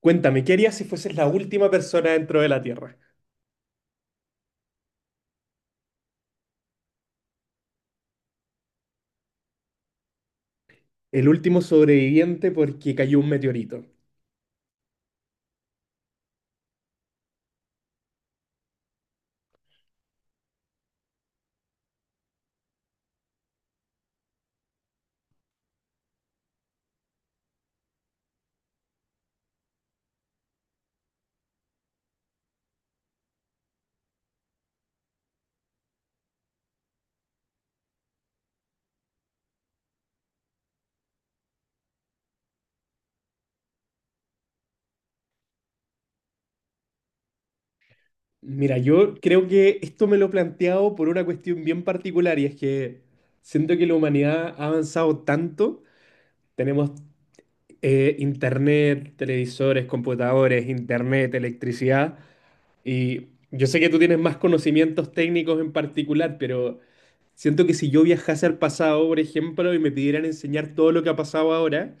Cuéntame, ¿qué harías si fueses la última persona dentro de la Tierra? El último sobreviviente porque cayó un meteorito. Mira, yo creo que esto me lo he planteado por una cuestión bien particular y es que siento que la humanidad ha avanzado tanto. Tenemos internet, televisores, computadores, internet, electricidad y yo sé que tú tienes más conocimientos técnicos en particular, pero siento que si yo viajase al pasado, por ejemplo, y me pidieran enseñar todo lo que ha pasado ahora,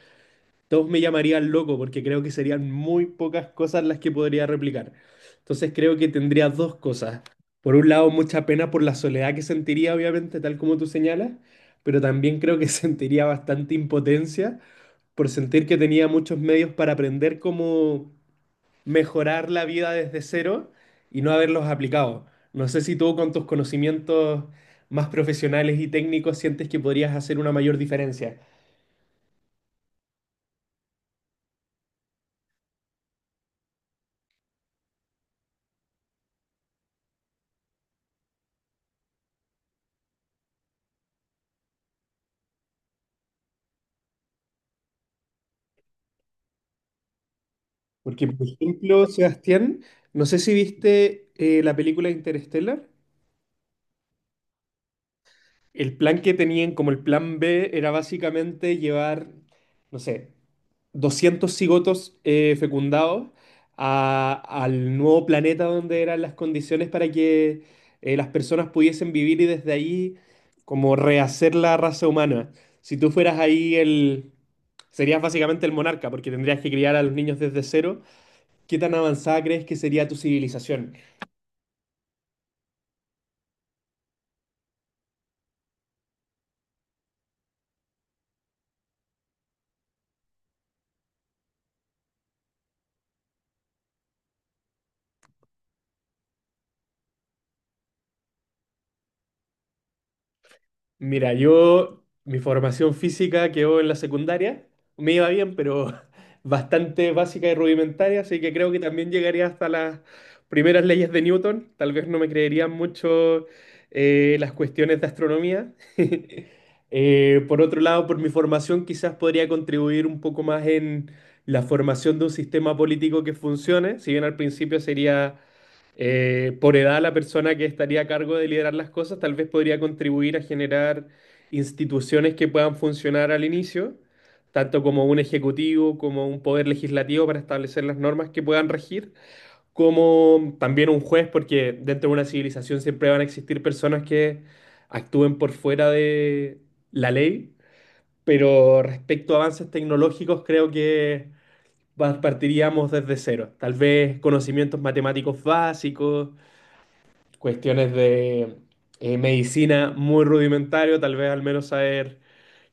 todos me llamarían loco porque creo que serían muy pocas cosas las que podría replicar. Entonces creo que tendría dos cosas. Por un lado, mucha pena por la soledad que sentiría, obviamente, tal como tú señalas, pero también creo que sentiría bastante impotencia por sentir que tenía muchos medios para aprender cómo mejorar la vida desde cero y no haberlos aplicado. No sé si tú con tus conocimientos más profesionales y técnicos sientes que podrías hacer una mayor diferencia. Porque, por ejemplo, Sebastián, no sé si viste la película Interstellar. El plan que tenían, como el plan B, era básicamente llevar, no sé, 200 cigotos fecundados al nuevo planeta donde eran las condiciones para que las personas pudiesen vivir y desde ahí como rehacer la raza humana. Si tú fueras ahí el... serías básicamente el monarca porque tendrías que criar a los niños desde cero. ¿Qué tan avanzada crees que sería tu civilización? Mira, yo, mi formación física quedó en la secundaria, me iba bien, pero bastante básica y rudimentaria, así que creo que también llegaría hasta las primeras leyes de Newton. Tal vez no me creerían mucho las cuestiones de astronomía. Por otro lado, por mi formación quizás podría contribuir un poco más en la formación de un sistema político que funcione, si bien al principio sería por edad, la persona que estaría a cargo de liderar las cosas tal vez podría contribuir a generar instituciones que puedan funcionar al inicio, tanto como un ejecutivo, como un poder legislativo para establecer las normas que puedan regir, como también un juez, porque dentro de una civilización siempre van a existir personas que actúen por fuera de la ley, pero respecto a avances tecnológicos creo que... partiríamos desde cero, tal vez conocimientos matemáticos básicos, cuestiones de medicina muy rudimentario, tal vez al menos saber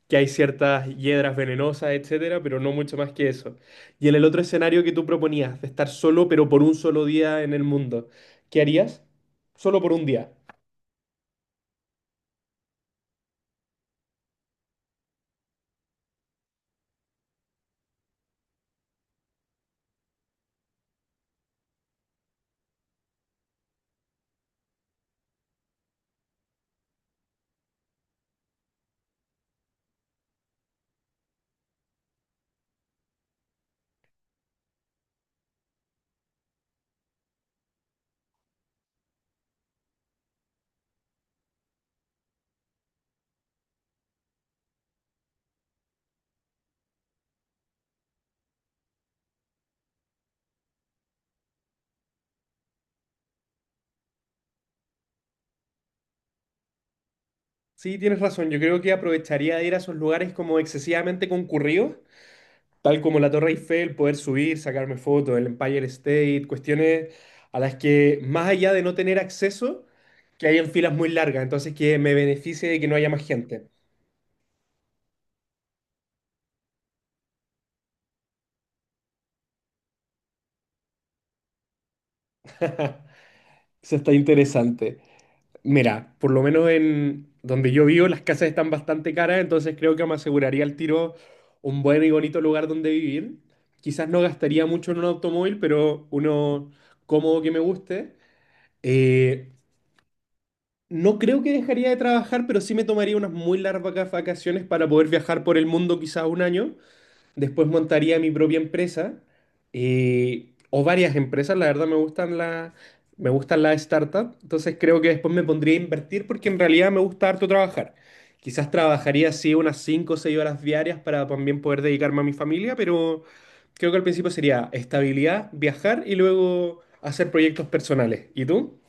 que hay ciertas hiedras venenosas, etcétera, pero no mucho más que eso. Y en el otro escenario que tú proponías, de estar solo, pero por un solo día en el mundo, ¿qué harías? Solo por un día. Sí, tienes razón, yo creo que aprovecharía de ir a esos lugares como excesivamente concurridos, tal como la Torre Eiffel, poder subir, sacarme fotos, el Empire State, cuestiones a las que, más allá de no tener acceso, que hayan filas muy largas, entonces que me beneficie de que no haya más gente. Eso está interesante. Mira, por lo menos en donde yo vivo, las casas están bastante caras, entonces creo que me aseguraría al tiro un buen y bonito lugar donde vivir. Quizás no gastaría mucho en un automóvil, pero uno cómodo que me guste. Eh, No creo que dejaría de trabajar, pero sí me tomaría unas muy largas vacaciones para poder viajar por el mundo quizás un año. Después montaría mi propia empresa, o varias empresas. La verdad me gustan las startups. Entonces creo que después me pondría a invertir porque en realidad me gusta harto trabajar. Quizás trabajaría así unas 5 o 6 horas diarias para también poder dedicarme a mi familia, pero creo que al principio sería estabilidad, viajar y luego hacer proyectos personales. ¿Y tú?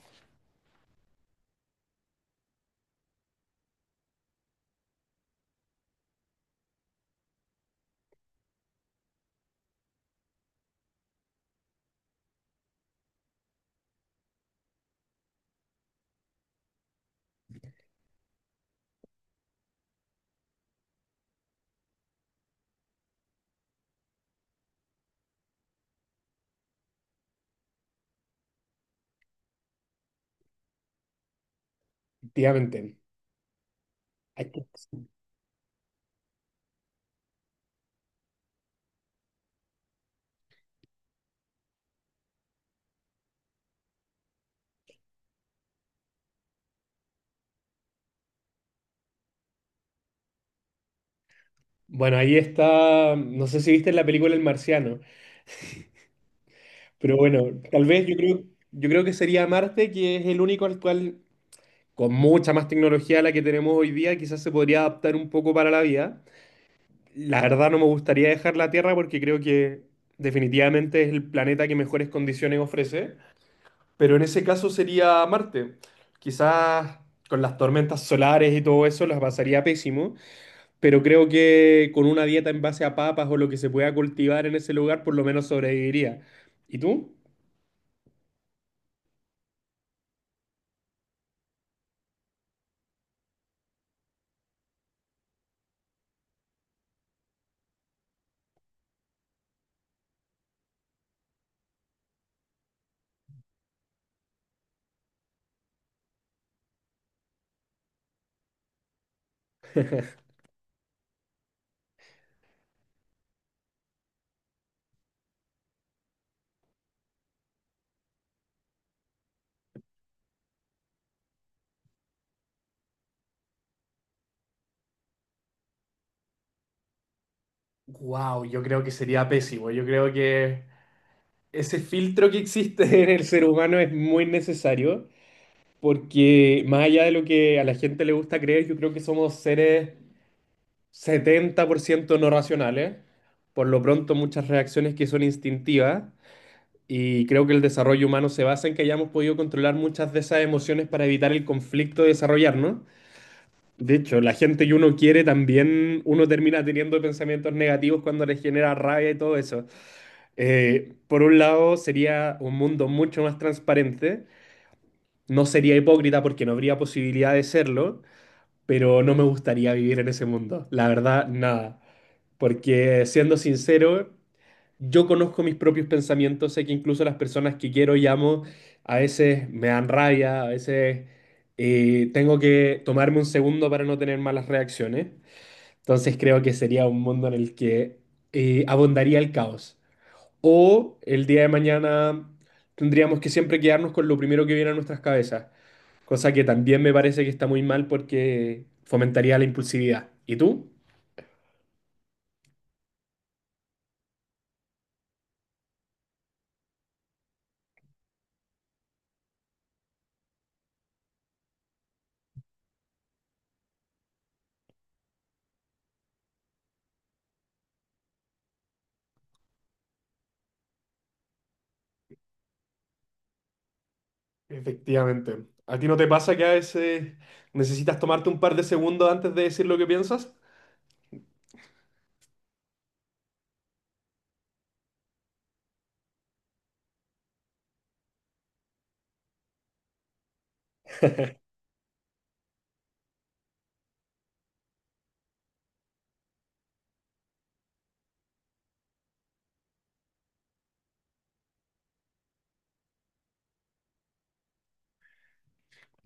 Efectivamente. Hay que- Bueno, ahí está, no sé si viste la película El Marciano, pero bueno, tal vez yo creo que sería Marte, que es el único al cual, con mucha más tecnología a la que tenemos hoy día, quizás se podría adaptar un poco para la vida. La verdad no me gustaría dejar la Tierra porque creo que definitivamente es el planeta que mejores condiciones ofrece, pero en ese caso sería Marte. Quizás con las tormentas solares y todo eso las pasaría pésimo, pero creo que con una dieta en base a papas o lo que se pueda cultivar en ese lugar, por lo menos sobreviviría. ¿Y tú? Wow, yo creo que sería pésimo. Yo creo que ese filtro que existe en el ser humano es muy necesario, porque más allá de lo que a la gente le gusta creer, yo creo que somos seres 70% no racionales, por lo pronto muchas reacciones que son instintivas, y creo que el desarrollo humano se basa en que hayamos podido controlar muchas de esas emociones para evitar el conflicto de desarrollarnos. De hecho, la gente que uno quiere también, uno termina teniendo pensamientos negativos cuando les genera rabia y todo eso. Por un lado, sería un mundo mucho más transparente. No sería hipócrita porque no habría posibilidad de serlo, pero no me gustaría vivir en ese mundo. La verdad, nada. Porque siendo sincero, yo conozco mis propios pensamientos, sé que incluso las personas que quiero y amo a veces me dan rabia, a veces tengo que tomarme un segundo para no tener malas reacciones. Entonces creo que sería un mundo en el que abundaría el caos. O el día de mañana tendríamos que siempre quedarnos con lo primero que viene a nuestras cabezas, cosa que también me parece que está muy mal porque fomentaría la impulsividad. ¿Y tú? Efectivamente. ¿A ti no te pasa que a veces necesitas tomarte un par de segundos antes de decir lo que piensas?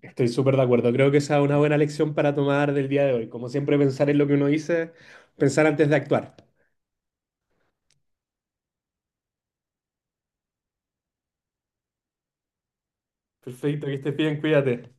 Estoy súper de acuerdo. Creo que esa es una buena lección para tomar del día de hoy. Como siempre, pensar en lo que uno dice, pensar antes de actuar. Perfecto, que estés bien, cuídate.